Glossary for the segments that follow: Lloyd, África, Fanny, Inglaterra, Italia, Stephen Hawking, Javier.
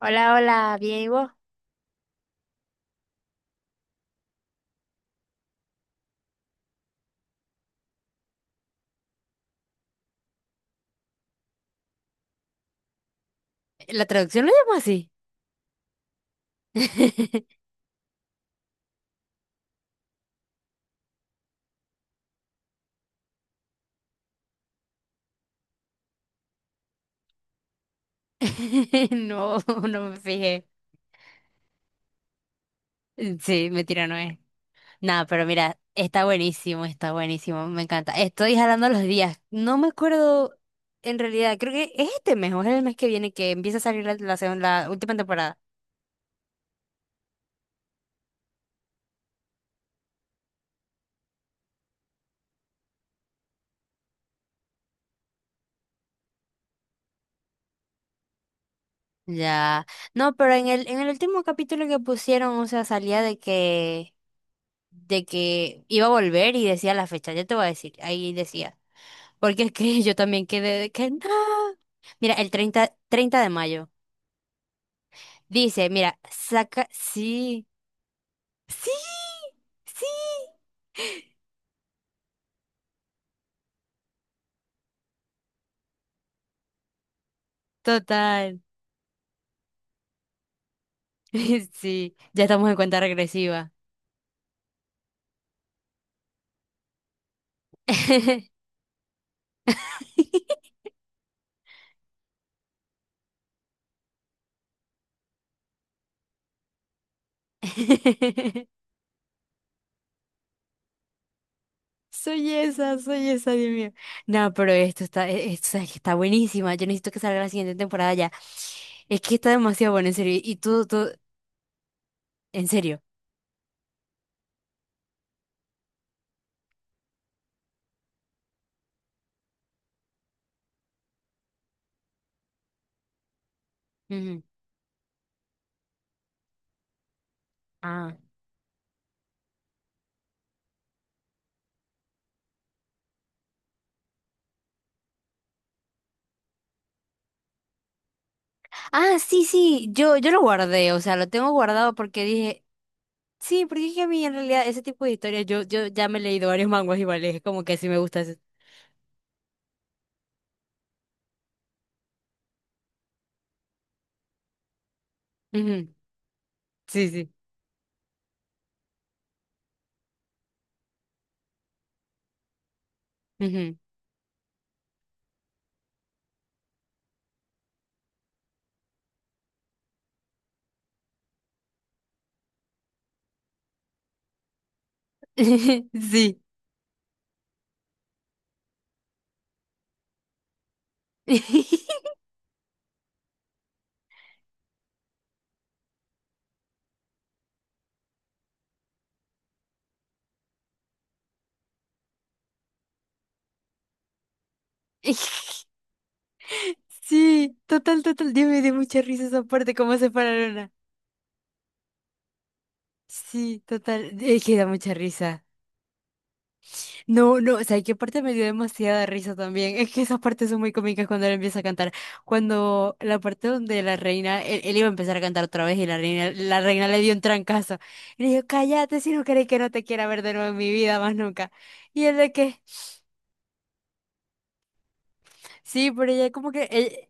Hola, hola, bien, ¿y vos? ¿La traducción lo llamo así? No, no me fijé. Mm, sí, mentira, no es. Nada, pero mira, está buenísimo, me encanta. Estoy jalando los días. No me acuerdo, en realidad, creo que es este mes o es el mes que viene que empieza a salir la última temporada. Ya. No, pero en el último capítulo que pusieron, o sea, salía de que iba a volver y decía la fecha, ya te voy a decir, ahí decía. Porque es que yo también quedé de que no. Mira, el treinta de mayo. Dice, mira, saca. Sí, sí, sí. Total. Sí, ya estamos en cuenta regresiva. Soy esa, Dios mío. No, pero esto está, esto, sabes que está buenísima. Yo necesito que salga la siguiente temporada ya. Es que está demasiado bueno, en serio. Y tú, en serio. Ujú. Ah. Ah, sí, sí. Yo lo guardé, o sea, lo tengo guardado porque dije, sí, porque es que a mí en realidad ese tipo de historias, yo ya me he leído varios manguas iguales, es como que sí me gusta ese. Ujú, sí, sí. Ujú. Sí. Sí, total, total. Dios me dio mucha risa esa parte, cómo se pararon. Sí, total. Es que da mucha risa. No, no, o sea, qué parte me dio demasiada risa también. Es que esas partes son muy cómicas cuando él empieza a cantar. Cuando la parte donde la reina, él iba a empezar a cantar otra vez y la reina le dio un trancazo. Y le dijo, cállate si no querés que no te quiera ver de nuevo en mi vida más nunca. Y él de que, sí, pero ella como que,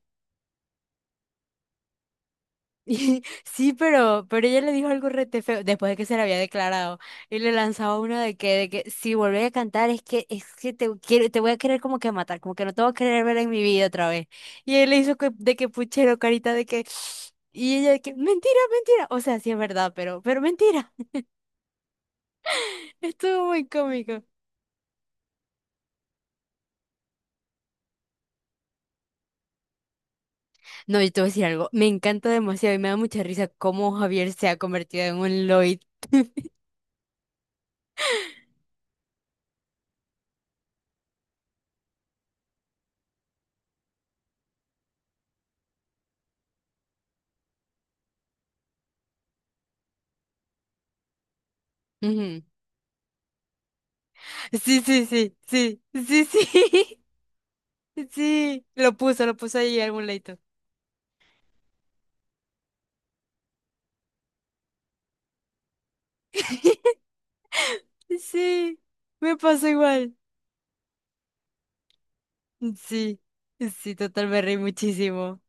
sí, pero ella le dijo algo rete feo después de que se le había declarado y le lanzaba una de que si volvés a cantar es que te quiero, te voy a querer como que matar, como que no te voy a querer ver en mi vida otra vez. Y él le hizo de que puchero, carita de que, y ella de que, mentira, mentira. O sea, sí es verdad, pero mentira. Estuvo muy cómico. No, yo te voy a decir algo, me encanta demasiado y me da mucha risa cómo Javier se ha convertido en un Lloyd. Ujú. Sí, sí, sí, sí, sí, sí. Sí, lo puso ahí en algún leito. Sí, me pasó igual. Sí, sí, total, me reí muchísimo.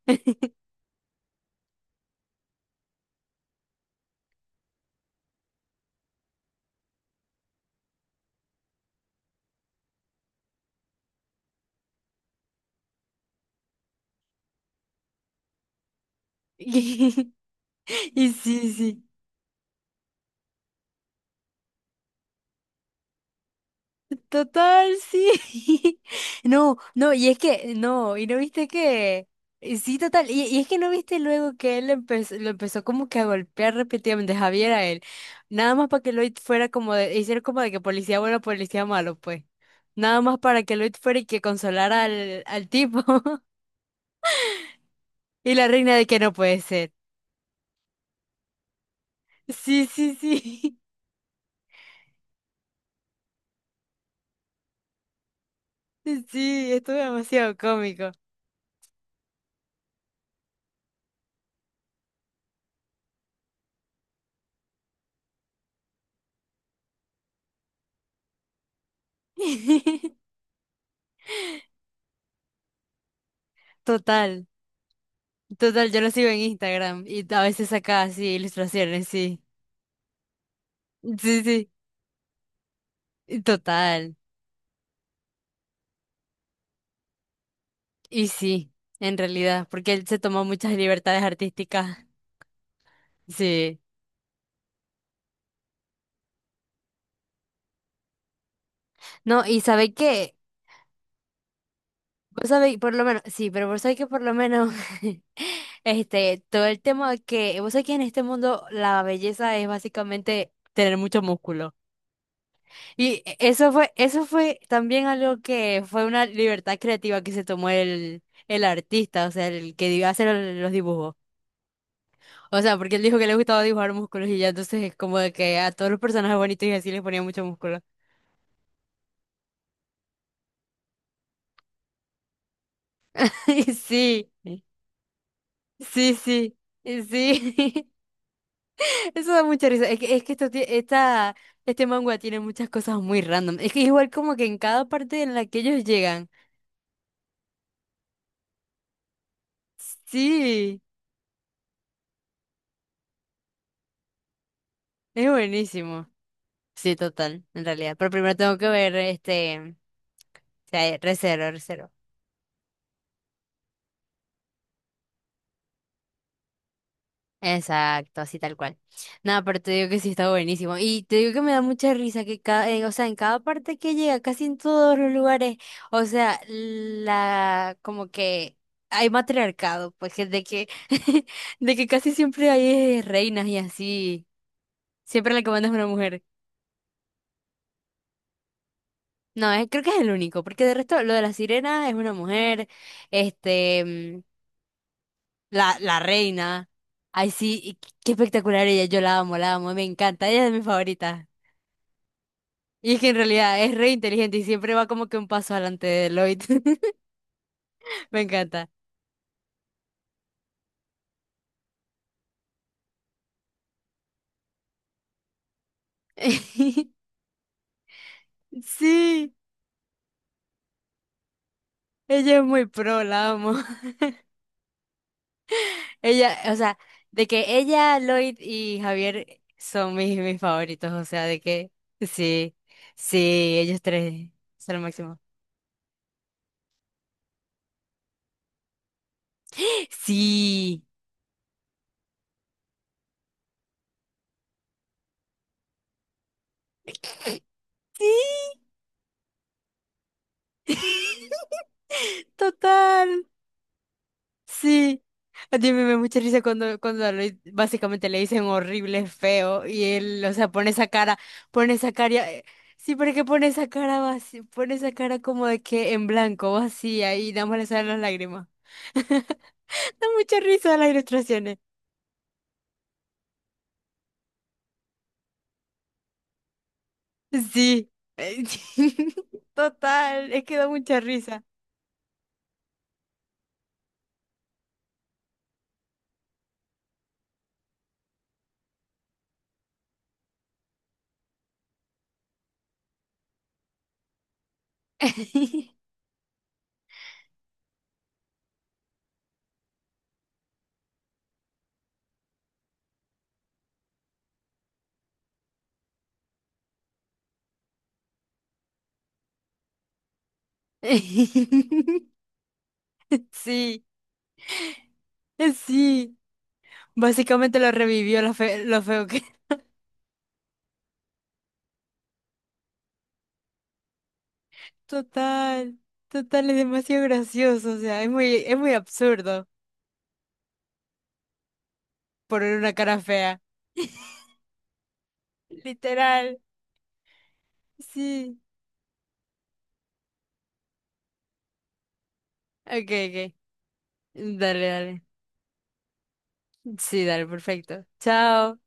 Y, sí, sí. Total, sí. No, no, y es que, no, y no viste que. Y sí, total. Y es que no viste luego que él empezó, lo empezó como que a golpear repetidamente Javier a él. Nada más para que Lloyd fuera como de, hiciera como de que policía bueno, policía malo, pues. Nada más para que Lloyd fuera y que consolara al, al tipo. Y la reina de que no puede ser. Sí, sí, sí. Sí, estuvo demasiado cómico. Total, total, yo lo sigo en Instagram y a veces saca así ilustraciones, sí. Sí, sí, y total. Y sí, en realidad, porque él se tomó muchas libertades artísticas. Sí. No, y sabe que, vos sabéis, por lo menos, sí, pero vos sabéis que por lo menos, este, todo el tema que, vos sabés que en este mundo la belleza es básicamente tener mucho músculo. Y eso fue también algo que fue una libertad creativa que se tomó el artista, o sea, el que iba a hacer los dibujos. O sea, porque él dijo que le gustaba dibujar músculos y ya entonces es como de que a todos los personajes bonitos y así les ponía mucho músculo. Y sí, sí, sí, y sí. Eso da mucha risa. es que, esto, este manga tiene muchas cosas muy random. Es que igual como que en cada parte en la que ellos llegan. Sí, es buenísimo. Sí, total, en realidad. Pero primero tengo que ver, este, o sea, recero, recero. Exacto, así tal cual. Nada, pero te digo que sí está buenísimo. Y te digo que me da mucha risa que cada, o sea, en cada parte que llega, casi en todos los lugares, o sea, la, como que hay matriarcado, pues que de que, de que casi siempre hay reinas y así. Siempre la que manda es una mujer. No, creo que es el único, porque de resto lo de la sirena es una mujer, este. La reina. Ay, sí, y qué espectacular ella. Yo la amo, me encanta. Ella es de mis favoritas. Y es que en realidad es re inteligente y siempre va como que un paso adelante de Lloyd. Me encanta. Sí, ella es muy pro, la amo. Ella, o sea, de que ella, Lloyd y Javier son mis favoritos. O sea, de que sí, sí, ellos tres son lo máximo. Sí, sí. Total. Sí, a mí me da mucha risa cuando, básicamente le dicen horrible, feo, y él, o sea, pone esa cara, sí, pero que pone esa cara vacía, pone esa cara como de que en blanco, vacía, y nada más le salen las lágrimas. Da mucha risa las ilustraciones. Sí, eh, total, es que da mucha risa. Sí, sí, básicamente lo revivió lo feo que total, total, es demasiado gracioso, o sea, es muy absurdo poner una cara fea. Literal, sí. Ok, ok. Dale, dale. Sí, dale, perfecto. Chao.